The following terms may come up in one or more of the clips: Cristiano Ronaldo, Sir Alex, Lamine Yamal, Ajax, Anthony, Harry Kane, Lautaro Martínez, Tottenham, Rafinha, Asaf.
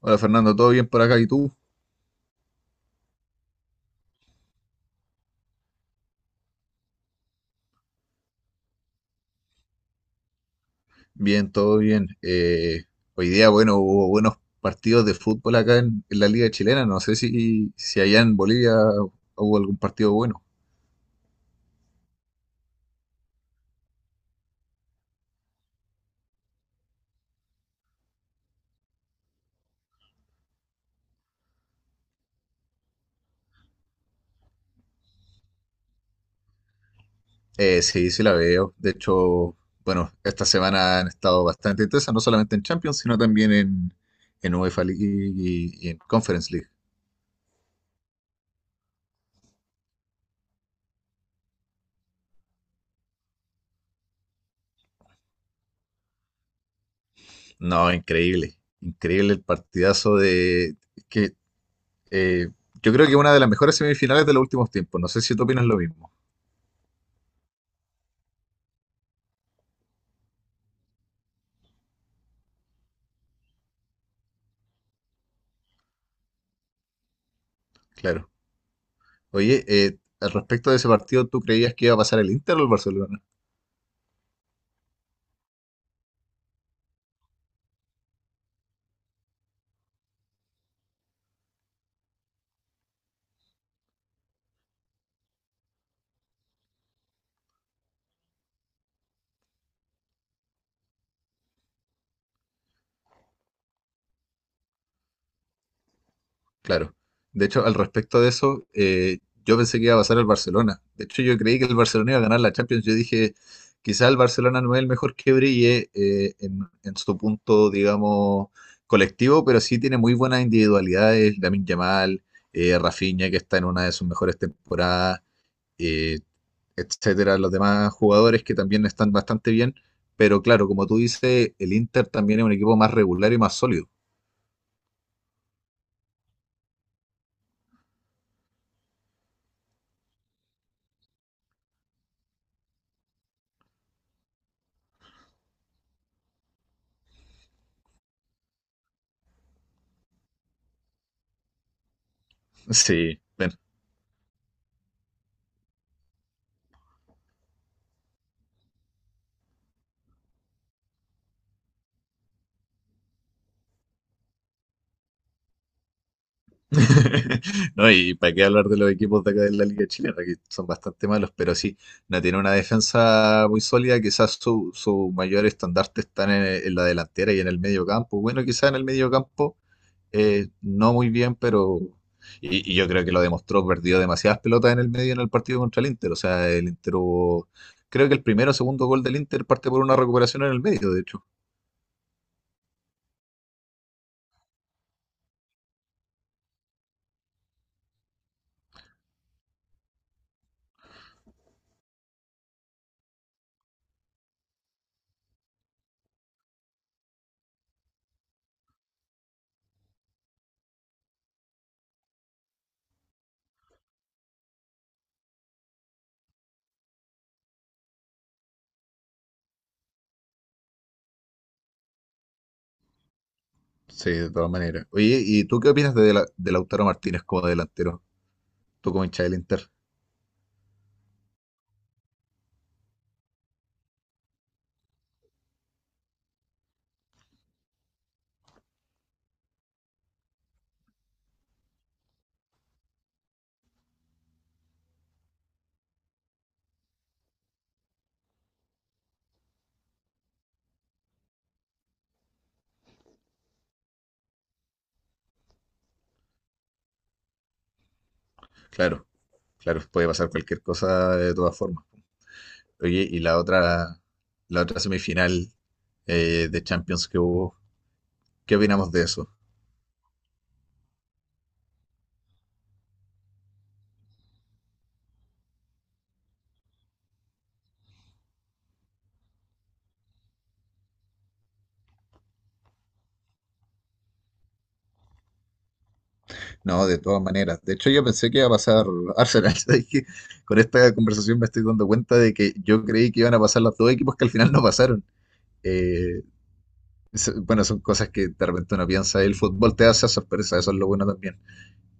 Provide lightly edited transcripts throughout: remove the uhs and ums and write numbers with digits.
Hola Fernando, ¿todo bien por acá? ¿Y tú? Bien, todo bien. Hoy día, bueno, hubo buenos partidos de fútbol acá en la Liga Chilena. No sé si allá en Bolivia hubo algún partido bueno. Sí, sí la veo. De hecho, bueno, esta semana han estado bastante intensas, no solamente en Champions, sino también en UEFA League y en Conference League. No, increíble. Increíble el partidazo de... que eh, Yo creo que una de las mejores semifinales de los últimos tiempos. No sé si tú opinas lo mismo. Claro. Oye, al respecto de ese partido, ¿tú creías que iba a pasar el Inter o el Barcelona? Claro. De hecho, al respecto de eso, yo pensé que iba a pasar el Barcelona. De hecho, yo creí que el Barcelona iba a ganar la Champions. Yo dije, quizá el Barcelona no es el mejor que brille en su punto, digamos, colectivo, pero sí tiene muy buenas individualidades. Lamine Yamal, Rafinha, que está en una de sus mejores temporadas. eh, Etcétera, los demás jugadores que también están bastante bien. Pero claro, como tú dices, el Inter también es un equipo más regular y más sólido. Sí, bueno. No, y para qué hablar de los equipos de acá de la Liga Chilena, que son bastante malos, pero sí, no tiene una defensa muy sólida. Quizás su mayor estandarte están en la delantera y en el medio campo. Bueno, quizás en el medio campo no muy bien, pero... y yo creo que lo demostró, perdió demasiadas pelotas en el medio en el partido contra el Inter. O sea, el Inter hubo... Creo que el primero o segundo gol del Inter parte por una recuperación en el medio, de hecho. Sí, de todas maneras. Oye, ¿y tú qué opinas de Lautaro Martínez como delantero? Tú como hincha del Inter. Claro, claro, puede pasar cualquier cosa de todas formas. Oye, la otra semifinal de Champions que hubo, ¿qué opinamos de eso? No, de todas maneras. De hecho, yo pensé que iba a pasar Arsenal. ¿Sabes qué? Con esta conversación me estoy dando cuenta de que yo creí que iban a pasar los dos equipos que al final no pasaron. Eh, bueno, son cosas que de repente uno piensa. El fútbol te hace sorpresa, eso es lo bueno también.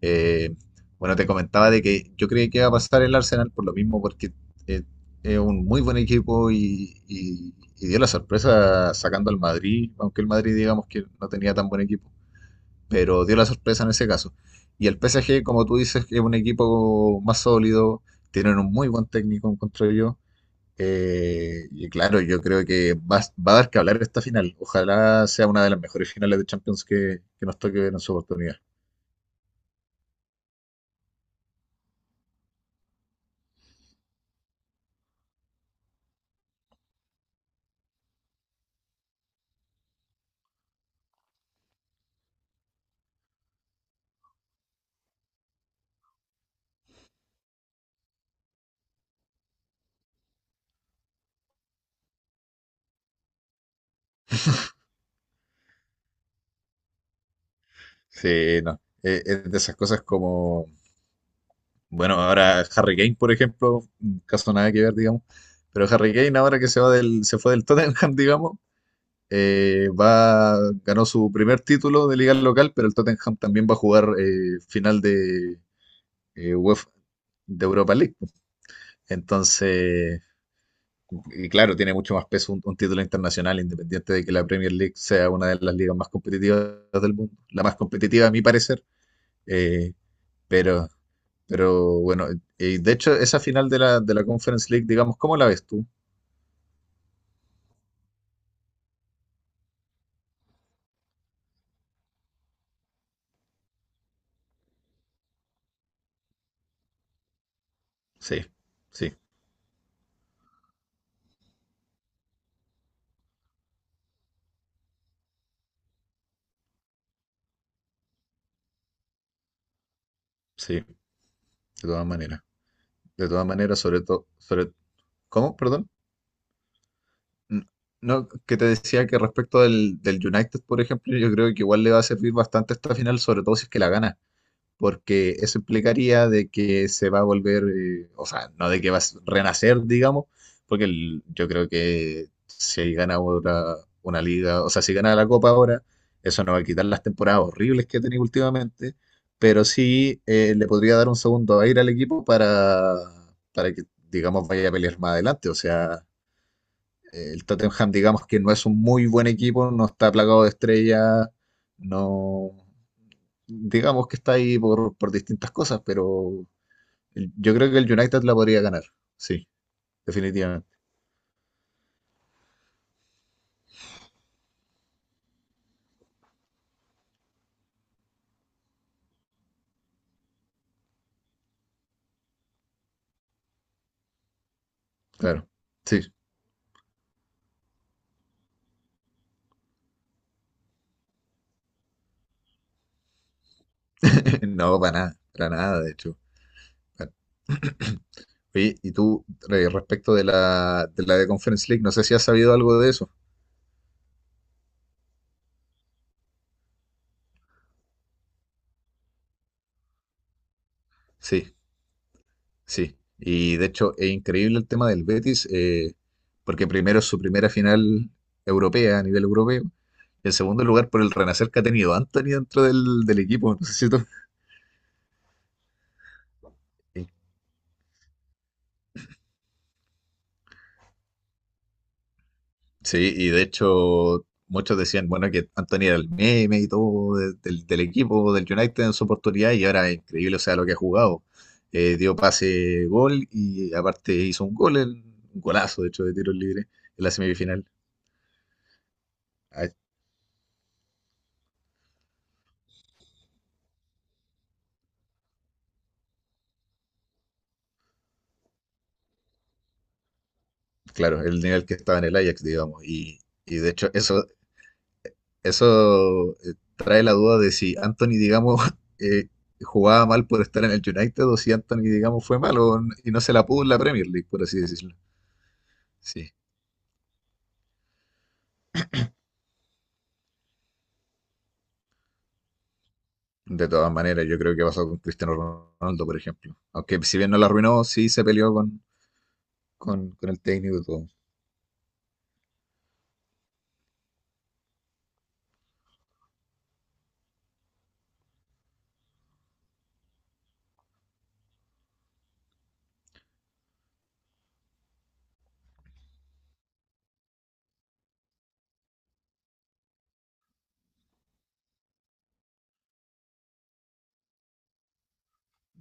Eh, bueno, te comentaba de que yo creí que iba a pasar el Arsenal por lo mismo, porque eh, es un muy buen equipo y dio la sorpresa sacando al Madrid, aunque el Madrid digamos que no tenía tan buen equipo pero dio la sorpresa en ese caso. Y el PSG, como tú dices, es un equipo más sólido, tienen un muy buen técnico, encuentro yo. Y claro, yo creo que a dar que hablar esta final. Ojalá sea una de las mejores finales de Champions que nos toque ver en su oportunidad. Sí, no. Es de esas cosas como, bueno, ahora Harry Kane, por ejemplo, un caso nada que ver, digamos. Pero Harry Kane ahora que se fue del Tottenham, digamos, eh, va, ganó su primer título de liga local, pero el Tottenham también va a jugar final de UEFA de Europa League. Pues. Entonces, y claro, tiene mucho más peso un título internacional, independiente de que la Premier League sea una de las ligas más competitivas del mundo, la más competitiva a mi parecer. Eh, pero, pero bueno, y de hecho esa final de la Conference League, digamos, ¿cómo la ves tú? Sí, sí, sí, todas maneras, de todas maneras, sobre todo, sobre, ¿cómo? Perdón. N- No, que te decía que respecto del United, por ejemplo, yo creo que igual le va a servir bastante esta final, sobre todo si es que la gana, porque eso implicaría de que se va a volver, o sea, no de que va a renacer, digamos, porque yo creo que si gana ahora una liga, o sea, si gana la Copa ahora, eso no va a quitar las temporadas horribles que ha tenido últimamente, pero sí le podría dar un segundo aire al equipo para que, digamos, vaya a pelear más adelante, o sea el Tottenham, digamos que no es un muy buen equipo, no está plagado de estrellas, no. Digamos que está ahí por distintas cosas, pero yo creo que el United la podría ganar. Sí, definitivamente. Claro. Sí. No, para nada, de hecho. Bueno, oye, y tú, respecto de la de Conference League, no sé si has sabido algo de eso. Sí. Sí, y de hecho es increíble el tema del Betis, porque primero es su primera final europea a nivel europeo, y en segundo lugar por el renacer que ha tenido Anthony dentro del equipo. No sé si tú- Sí. Sí, y de hecho muchos decían, bueno, que Anthony era el meme y todo del equipo, del United en su oportunidad, y ahora es increíble, o sea, lo que ha jugado. Dio pase, gol, y aparte hizo un gol, un golazo, de hecho, de tiro libre en la semifinal. Claro, el nivel que estaba en el Ajax, digamos. Y de hecho, eso trae la duda de si Anthony, digamos, eh, jugaba mal por estar en el United o si Anthony, digamos, fue malo y no se la pudo en la Premier League, por así decirlo. Sí. De todas maneras, yo creo que pasó con Cristiano Ronaldo, por ejemplo. Aunque si bien no la arruinó, sí se peleó con el técnico y todo.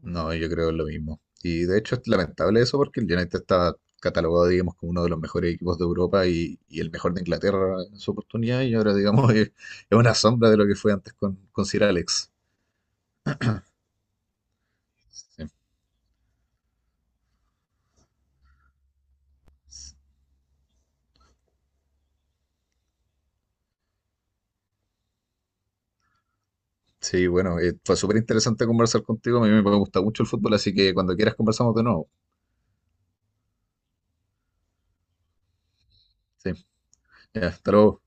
No, yo creo lo mismo. Y de hecho es lamentable eso porque el United está catalogado, digamos, como uno de los mejores equipos de Europa y el mejor de Inglaterra en su oportunidad y ahora, digamos, es una sombra de lo que fue antes con Sir Alex. Sí, sí, bueno, fue súper interesante conversar contigo. A mí me gusta mucho el fútbol, así que cuando quieras conversamos de nuevo. Sí, ya, hasta luego.